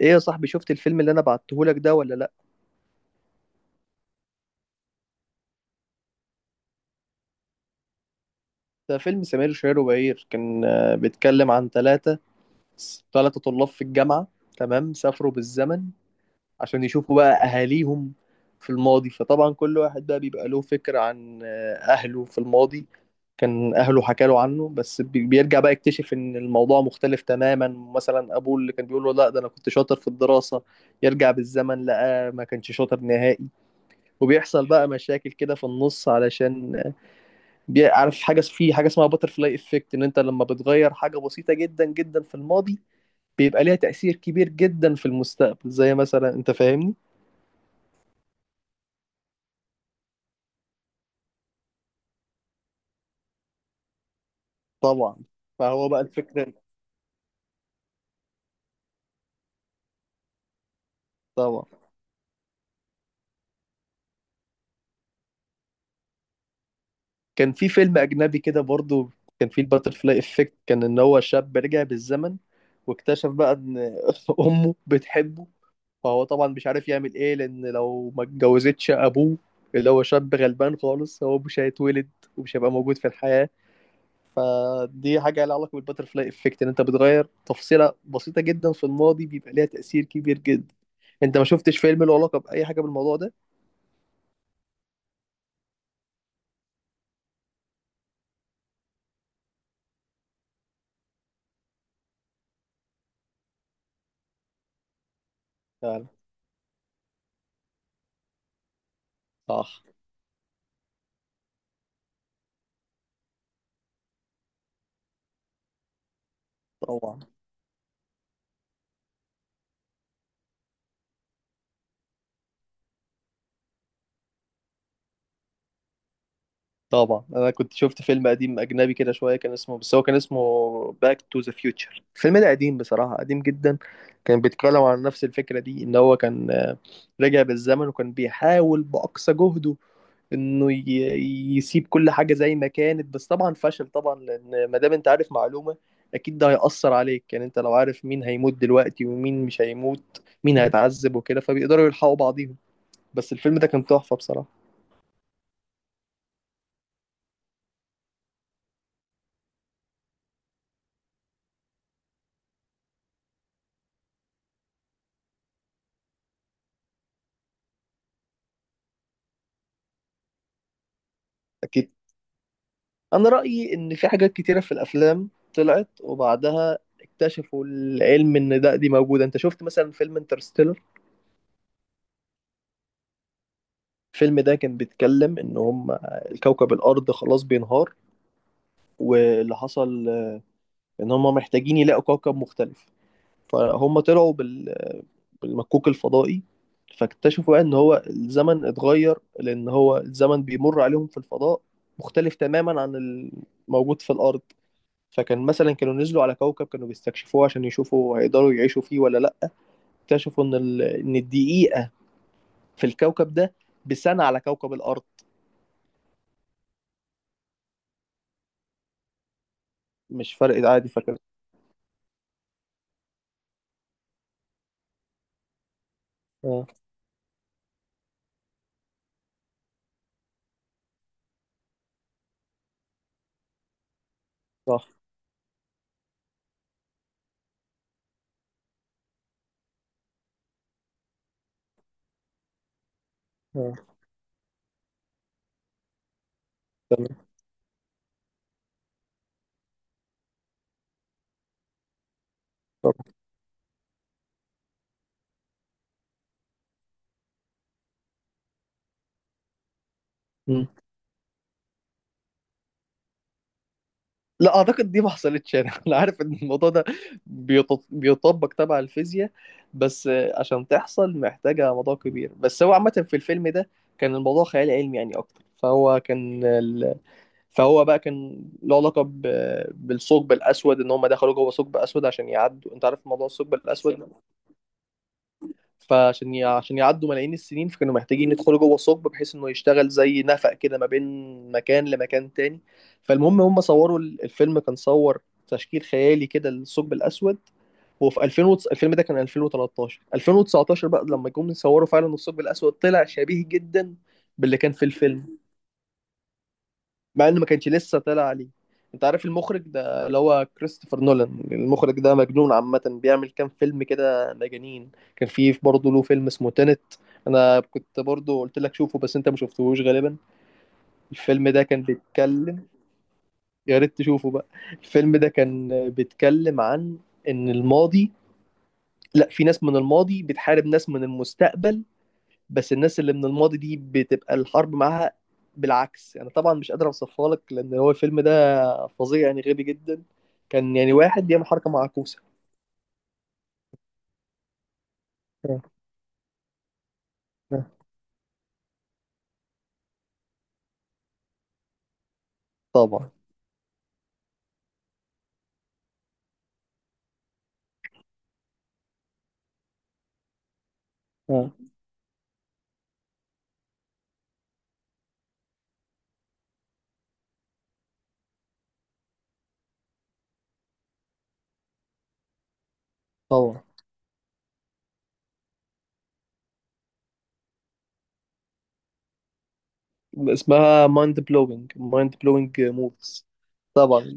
ايه يا صاحبي، شفت الفيلم اللي انا بعتهولك ده ولا لا؟ ده فيلم سمير وشهير وبهير، كان بيتكلم عن ثلاثة طلاب في الجامعة. تمام، سافروا بالزمن عشان يشوفوا بقى اهاليهم في الماضي. فطبعا كل واحد بقى بيبقى له فكرة عن اهله في الماضي، كان اهله حكى له عنه، بس بيرجع بقى يكتشف ان الموضوع مختلف تماما. مثلا ابوه اللي كان بيقول له لا ده انا كنت شاطر في الدراسة، يرجع بالزمن لقى ما كانش شاطر نهائي. وبيحصل بقى مشاكل كده في النص، علشان عارف حاجه في حاجه اسمها باتر فلاي افكت؟ ان انت لما بتغير حاجه بسيطه جدا جدا في الماضي، بيبقى ليها تاثير كبير جدا في المستقبل، زي مثلا، انت فاهمني؟ طبعا. فهو بقى الفكره. طبعا، كان في فيلم اجنبي كده برضو، كان فيه الباتر فلاي افكت، كان ان هو شاب رجع بالزمن واكتشف بقى ان امه بتحبه. فهو طبعا مش عارف يعمل ايه، لان لو ما اتجوزتش ابوه، اللي هو شاب غلبان خالص، هو مش هيتولد ومش هيبقى موجود في الحياه. فدي حاجة لها علاقة بالباترفلاي افكت، ان انت بتغير تفصيلة بسيطة جدا في الماضي بيبقى ليها تأثير كبير جدا. انت ما شفتش فيلم له علاقة بأي حاجة بالموضوع ده؟ فعلا. صح. طبعا. طبعا، انا كنت شفت فيلم قديم اجنبي كده شوية، كان اسمه، بس هو كان اسمه باك تو ذا فيوتشر. الفيلم ده قديم بصراحة، قديم جدا. كان بيتكلم عن نفس الفكرة دي، ان هو كان رجع بالزمن وكان بيحاول بأقصى جهده انه يسيب كل حاجه زي ما كانت. بس طبعا فشل طبعا، لان ما دام انت عارف معلومه، اكيد ده هيأثر عليك. يعني انت لو عارف مين هيموت دلوقتي ومين مش هيموت، مين هيتعذب وكده، فبيقدروا يلحقوا بعضيهم. بس الفيلم ده كان تحفه بصراحه. اكيد. انا رأيي ان في حاجات كتيره في الافلام طلعت وبعدها اكتشفوا العلم ان ده دي موجوده. انت شفت مثلا فيلم انترستيلر؟ الفيلم ده كان بيتكلم ان هم الكوكب الارض خلاص بينهار، واللي حصل ان هم محتاجين يلاقوا كوكب مختلف. فهم طلعوا بالمكوك الفضائي. فاكتشفوا بقى ان هو الزمن اتغير، لان هو الزمن بيمر عليهم في الفضاء مختلف تماما عن الموجود في الارض. فكان مثلا كانوا نزلوا على كوكب، كانوا بيستكشفوه عشان يشوفوا هيقدروا يعيشوا فيه ولا لا. اكتشفوا ان ان الدقيقة في الكوكب ده بسنة على كوكب الارض. مش فرق عادي فكان. اه. صح. اه. تمام. طب. مم. لا اعتقد دي ما حصلتش يعني. انا عارف ان الموضوع ده بيطبق تبع الفيزياء. بس عشان تحصل محتاجة موضوع كبير، بس هو عامة في الفيلم ده كان الموضوع خيال علمي يعني اكتر، فهو كان فهو بقى كان له علاقة بالثقب الأسود، إن هم دخلوا جوه ثقب أسود عشان يعدوا. أنت عارف موضوع الثقب الأسود؟ عشان يعدوا ملايين السنين، فكانوا محتاجين يدخلوا جوه ثقب بحيث انه يشتغل زي نفق كده ما بين مكان لمكان تاني. فالمهم هم صوروا الفيلم كان صور تشكيل خيالي كده للثقب الاسود. هو في الفيلم ده كان 2013. 2019 بقى لما جم يصوروا فعلا الثقب الاسود طلع شبيه جدا باللي كان في الفيلم، مع انه ما كانش لسه طلع عليه. انت عارف المخرج ده اللي هو كريستوفر نولان؟ المخرج ده مجنون عامة، بيعمل كام فيلم كده مجانين. كان فيه برضه له فيلم اسمه تينت، انا كنت برضه قلت لك شوفه بس انت ما شفتهوش غالبا. الفيلم ده كان بيتكلم. يا ريت تشوفه بقى. الفيلم ده كان بيتكلم عن ان الماضي، لا، في ناس من الماضي بتحارب ناس من المستقبل، بس الناس اللي من الماضي دي بتبقى الحرب معاها بالعكس. انا طبعا مش قادر اوصفها لك لان هو الفيلم ده فظيع يعني غبي جدا. كان يعني واحد بيعمل حركه معكوسه. آه، آه، طبعا. آه. طبعا. اسمها مايند بلوينج مايند بلوينج موفز. طبعا.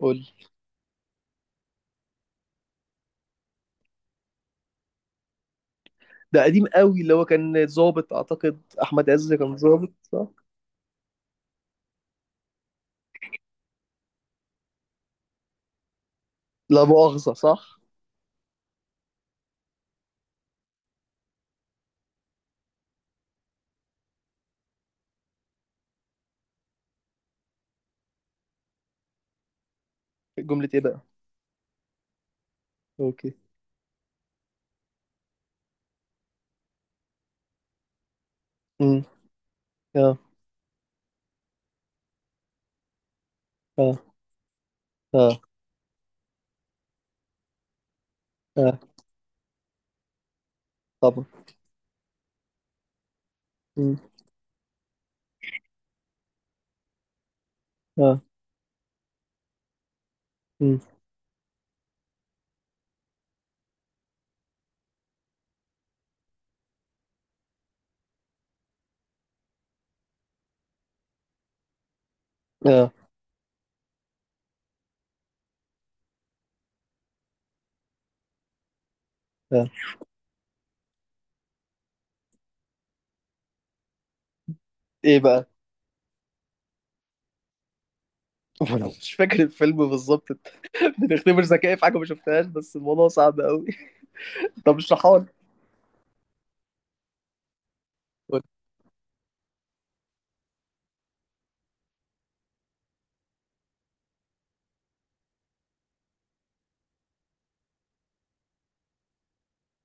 قول. ده قديم قوي، اللي هو كان ظابط، اعتقد احمد عز كان ظابط صح؟ لا مؤاخذه، صح. جمله ايه بقى؟ اوكي. امم. اه. اه. اه. اه. طبعا. امم. اه. امم. اه. اه. ايه بقى؟ ولو مش فاكر الفيلم بالظبط. بنختبر ذكائي في حاجه ما شفتهاش، بس الموضوع صعب قوي. طب اشرحها لي.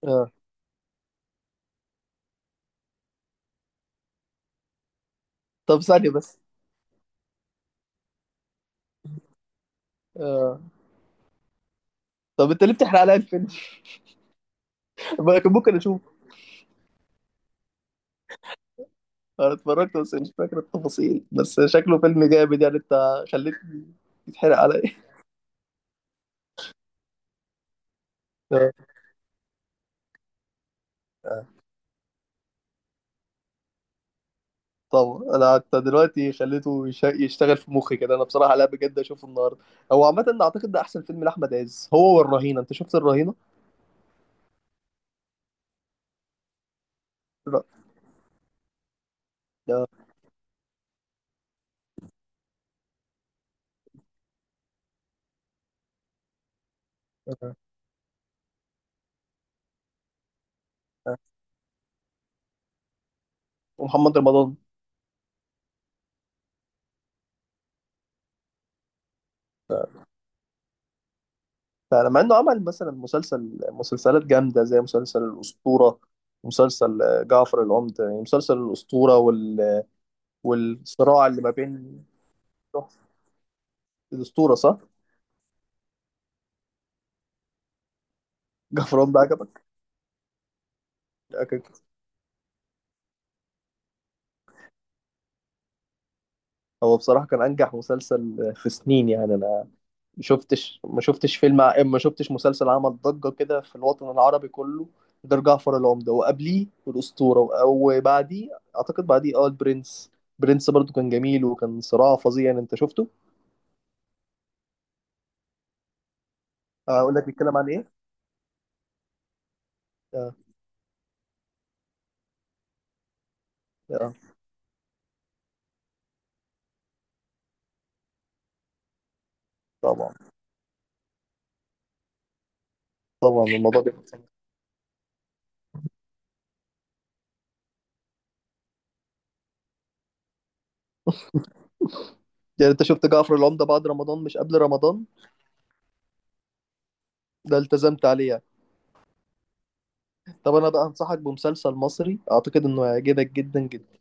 آه. طب ثانيه بس. آه. طب انت ليه بتحرق عليا الفيلم؟ ما كان ممكن اشوفه. انا اتفرجت بس مش فاكر التفاصيل، بس شكله فيلم جامد، يعني انت خليتني يتحرق عليا. آه. آه. طبعا انا حتى دلوقتي خليته يشتغل في مخي كده، انا بصراحه، لا، بجد اشوفه النهارده. هو عامه اعتقد ده احسن فيلم لاحمد عز، هو والرهينه. انت شفت الرهينه؟ لا. آه. ومحمد رمضان. فلما انه عمل مثلا مسلسل، مسلسلات جامده زي مسلسل الاسطوره، مسلسل جعفر العمدة، يعني مسلسل الاسطوره والصراع اللي ما بين. الاسطوره صح؟ جعفر العمدة عجبك؟ عجبك. هو بصراحه كان انجح مسلسل في سنين، يعني انا ما شفتش ما شفتش مسلسل عمل ضجه كده في الوطن العربي كله غير جعفر العمدة، وقبليه الاسطوره وبعديه، اعتقد بعديه اه البرنس. برنس برضو كان جميل وكان صراع فظيع، يعني انت شفته؟ اقول لك بيتكلم عن ايه. آه. آه. طبعا. طبعا الموضوع ده. يعني انت شفت جعفر العمدة بعد رمضان مش قبل رمضان؟ ده التزمت عليه يعني. طب انا بقى انصحك بمسلسل مصري اعتقد انه هيعجبك جدا جدا.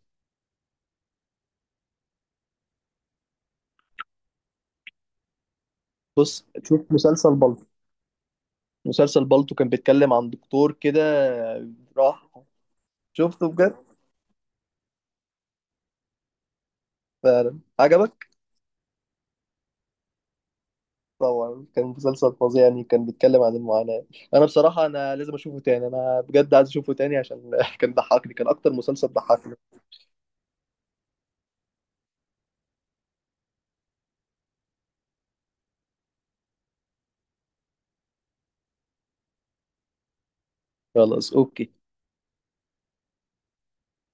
بص شوف مسلسل بالطو، مسلسل بالطو كان بيتكلم عن دكتور كده. راح. شفته بجد؟ فعلا عجبك؟ طبعا كان مسلسل فظيع يعني، كان بيتكلم عن المعاناة. انا بصراحة انا لازم اشوفه تاني، انا بجد عايز اشوفه تاني عشان كان ضحكني، كان اكتر مسلسل ضحكني. خلاص اوكي.